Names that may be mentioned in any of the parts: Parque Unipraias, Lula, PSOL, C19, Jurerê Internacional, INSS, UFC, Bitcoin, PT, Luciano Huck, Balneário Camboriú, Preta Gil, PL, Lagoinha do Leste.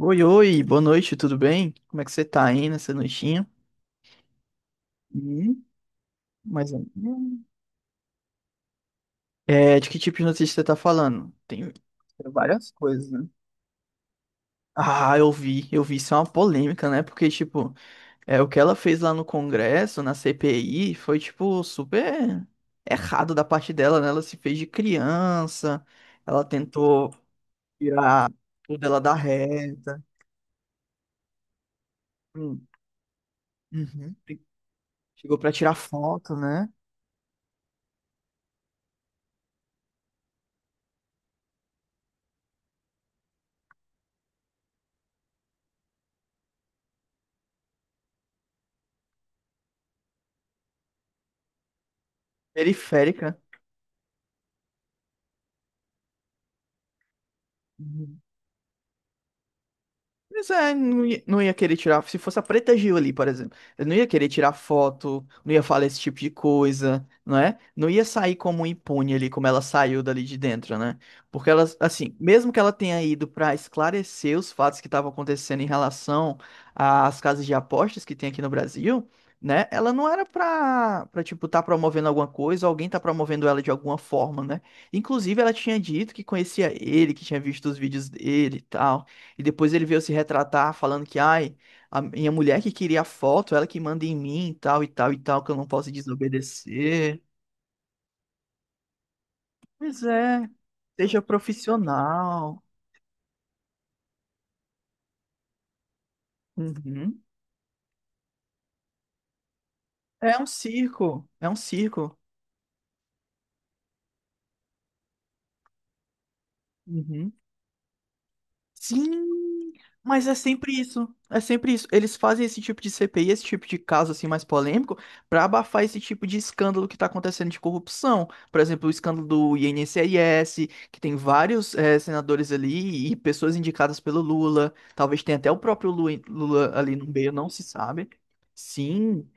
Oi, oi, boa noite, tudo bem? Como é que você tá aí nessa noitinha? E mais um. É, de que tipo de notícia você tá falando? Tem várias coisas, né? Ah, eu vi, isso é uma polêmica, né? Porque, tipo, é, o que ela fez lá no Congresso, na CPI, foi, tipo, super errado da parte dela, né? Ela se fez de criança, ela tentou tirar tudo dela da reta. Hum. Uhum. Chegou pra tirar foto, né? Periférica. Mas é, não ia querer tirar. Se fosse a Preta Gil ali, por exemplo, eu não ia querer tirar foto, não ia falar esse tipo de coisa, não é? Não ia sair como impune ali, como ela saiu dali de dentro, né? Porque ela, assim, mesmo que ela tenha ido pra esclarecer os fatos que estavam acontecendo em relação às casas de apostas que tem aqui no Brasil, né? Ela não era pra tipo, tá promovendo alguma coisa, alguém tá promovendo ela de alguma forma, né? Inclusive, ela tinha dito que conhecia ele, que tinha visto os vídeos dele e tal. E depois ele veio se retratar falando que, ai, a minha mulher que queria a foto, ela que manda em mim, e tal e tal e tal, que eu não posso desobedecer. Pois é, seja profissional. Uhum. É um circo, é um circo. Uhum. Sim, mas é sempre isso. É sempre isso. Eles fazem esse tipo de CPI, esse tipo de caso assim mais polêmico, pra abafar esse tipo de escândalo que tá acontecendo de corrupção. Por exemplo, o escândalo do INSS, que tem vários senadores ali e pessoas indicadas pelo Lula. Talvez tenha até o próprio Lula ali no meio, não se sabe. Sim,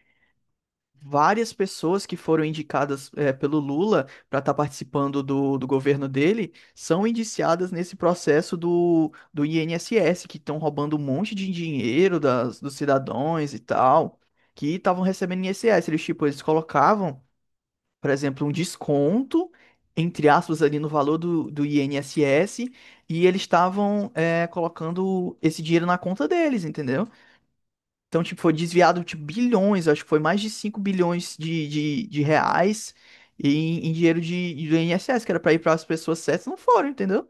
várias pessoas que foram indicadas pelo Lula para estar participando do governo dele são indiciadas nesse processo do INSS, que estão roubando um monte de dinheiro dos cidadãos e tal, que estavam recebendo INSS. Eles, tipo, eles colocavam, por exemplo, um desconto, entre aspas, ali no valor do INSS, e eles estavam colocando esse dinheiro na conta deles, entendeu? Então, tipo, foi desviado, tipo, bilhões, acho que foi mais de 5 bilhões de reais em dinheiro do INSS, que era pra ir para as pessoas certas, não foram, entendeu?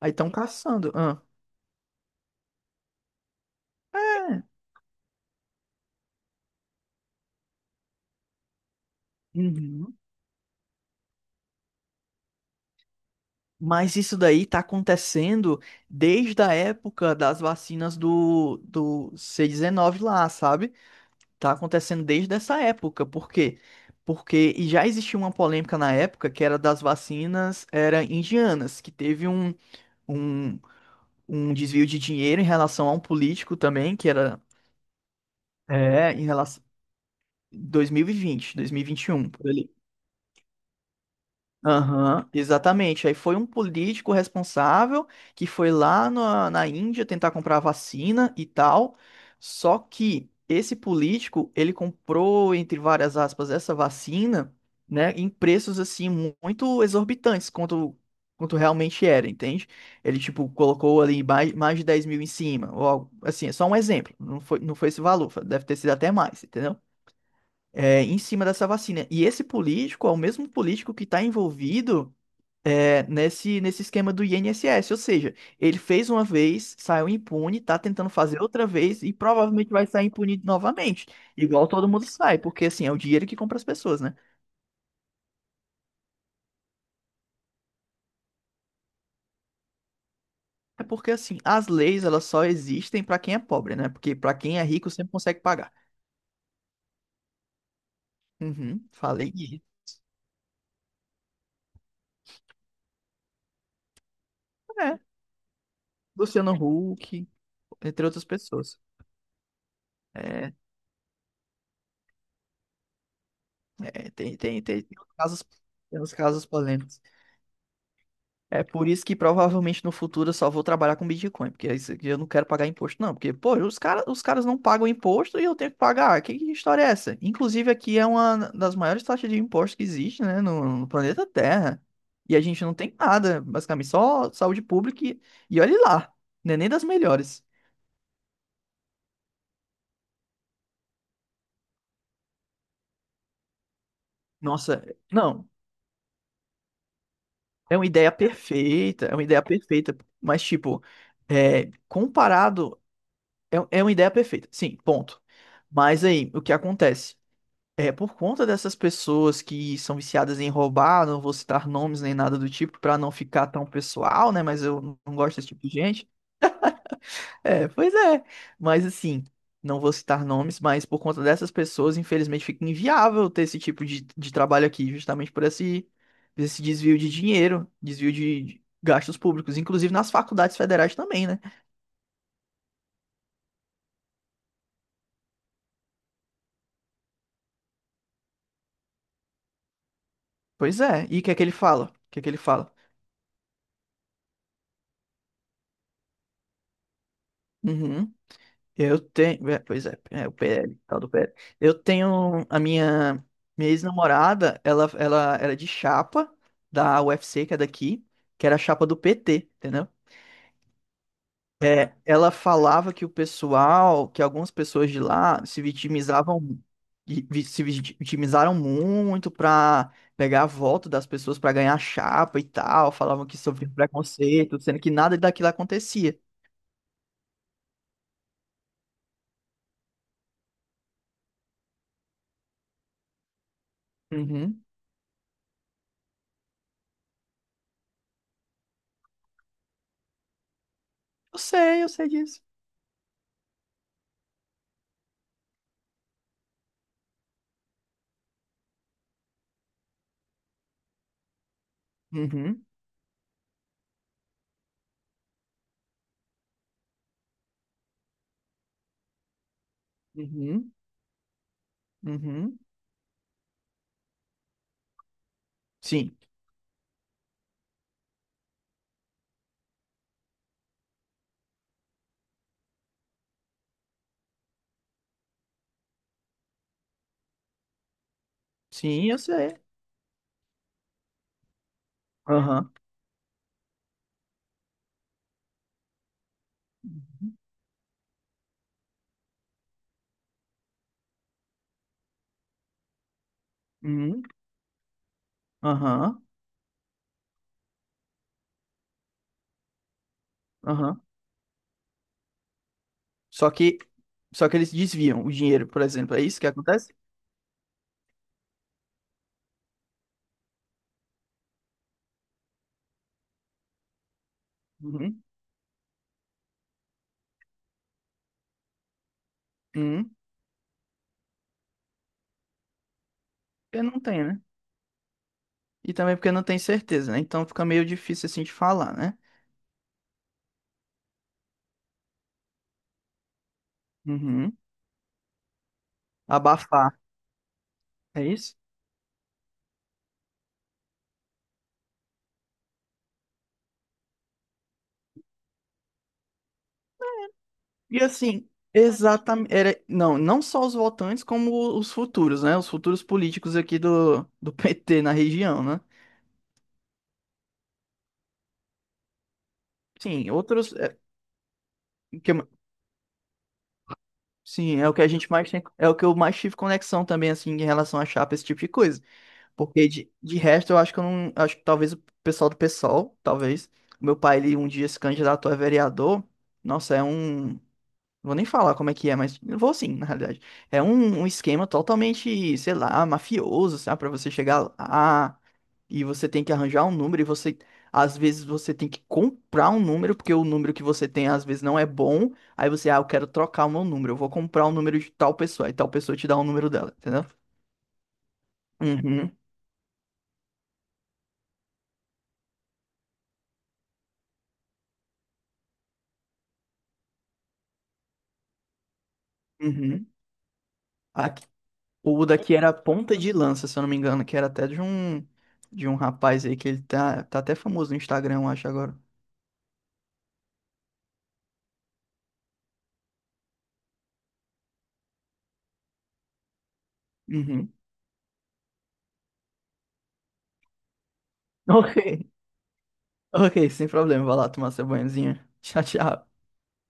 Aí estão caçando. Ah. Uhum. Mas isso daí tá acontecendo desde a época das vacinas do C19 lá, sabe? Tá acontecendo desde essa época. Por quê? Porque e já existia uma polêmica na época que era das vacinas era indianas, que teve um, um desvio de dinheiro em relação a um político também, que era é, em relação dois mil e vinte, 2021 por ali. Aham, exatamente. Aí foi um político responsável que foi lá na Índia tentar comprar a vacina e tal. Só que esse político, ele comprou, entre várias aspas, essa vacina, né, em preços assim muito exorbitantes quanto realmente era, entende? Ele, tipo, colocou ali mais de 10 mil em cima, ou algo assim, é só um exemplo. Não foi esse valor, deve ter sido até mais, entendeu? É, em cima dessa vacina. E esse político é o mesmo político que está envolvido nesse esquema do INSS. Ou seja, ele fez uma vez, saiu impune, tá tentando fazer outra vez e provavelmente vai sair impune novamente. Igual todo mundo sai, porque assim, é o dinheiro que compra as pessoas, né? É porque assim, as leis elas só existem pra quem é pobre, né? Porque pra quem é rico sempre consegue pagar. Uhum, falei disso. É, Luciano Huck, entre outras pessoas. É, é, tem uns casos, tem uns casos polêmicos. É por isso que provavelmente no futuro eu só vou trabalhar com Bitcoin, porque isso aqui eu não quero pagar imposto, não. Porque, pô, os caras não pagam imposto e eu tenho que pagar. Que história é essa? Inclusive, aqui é uma das maiores taxas de imposto que existe, né, no planeta Terra. E a gente não tem nada, basicamente, só saúde pública e, olhe lá, não é nem das melhores. Nossa, não, é uma ideia perfeita, é uma ideia perfeita, mas, tipo, é, comparado, é uma ideia perfeita, sim, ponto. Mas aí, o que acontece? É, por conta dessas pessoas que são viciadas em roubar, não vou citar nomes nem nada do tipo pra não ficar tão pessoal, né? Mas eu não gosto desse tipo de gente. É, pois é. Mas assim, não vou citar nomes, mas por conta dessas pessoas, infelizmente, fica inviável ter esse tipo de trabalho aqui, justamente por esse desvio de dinheiro, desvio de gastos públicos, inclusive nas faculdades federais também, né? Pois é. E o que é que ele fala? O que é que ele fala? Uhum. Eu tenho, é, pois é, é o PL, tal do PL. Eu tenho minha ex-namorada, ela era de chapa da UFC, que é daqui, que era a chapa do PT, entendeu? É, ela falava que o pessoal, que algumas pessoas de lá se vitimizavam, vi- vi- se vit- vitimizaram muito pra pegar a volta das pessoas pra ganhar chapa e tal, falavam que sofriam preconceito, sendo que nada daquilo acontecia. Uhum. Eu sei disso. Uhum. Uhum. Uhum. Sim. Sim, eu sei. Aham. Uhum. Aham. Aham. Só que, só que eles desviam o dinheiro, por exemplo. É isso que acontece? Uhum. Uhum. Porque não tem, né? E também porque não tem certeza, né? Então fica meio difícil assim de falar, né? Uhum. Abafar. É isso? E assim, exatamente. Era. Não, não só os votantes, como os futuros, né? Os futuros políticos aqui do PT na região, né? Sim, outros. Que sim, é o que a gente mais tem, é o que eu mais tive conexão também, assim, em relação a chapa, esse tipo de coisa. Porque de resto, eu acho que eu não, acho que talvez o pessoal do PSOL, talvez, o meu pai, ele um dia se candidatou a vereador, nossa, é um, não vou nem falar como é que é, mas eu vou sim, na realidade. É um esquema totalmente, sei lá, mafioso, sabe? Pra você chegar lá e você tem que arranjar um número e você, às vezes, você tem que comprar um número, porque o número que você tem, às vezes, não é bom. Aí você, ah, eu quero trocar o meu número, eu vou comprar o número de tal pessoa. Aí tal pessoa te dá o número dela, entendeu? Uhum, uhum. Aqui- o daqui era ponta de lança, se eu não me engano, que era até de um rapaz aí que ele tá até famoso no Instagram, eu acho, agora. Uhum. Ok. Ok, sem problema. Vai lá tomar seu banhozinho. Tchau, tchau.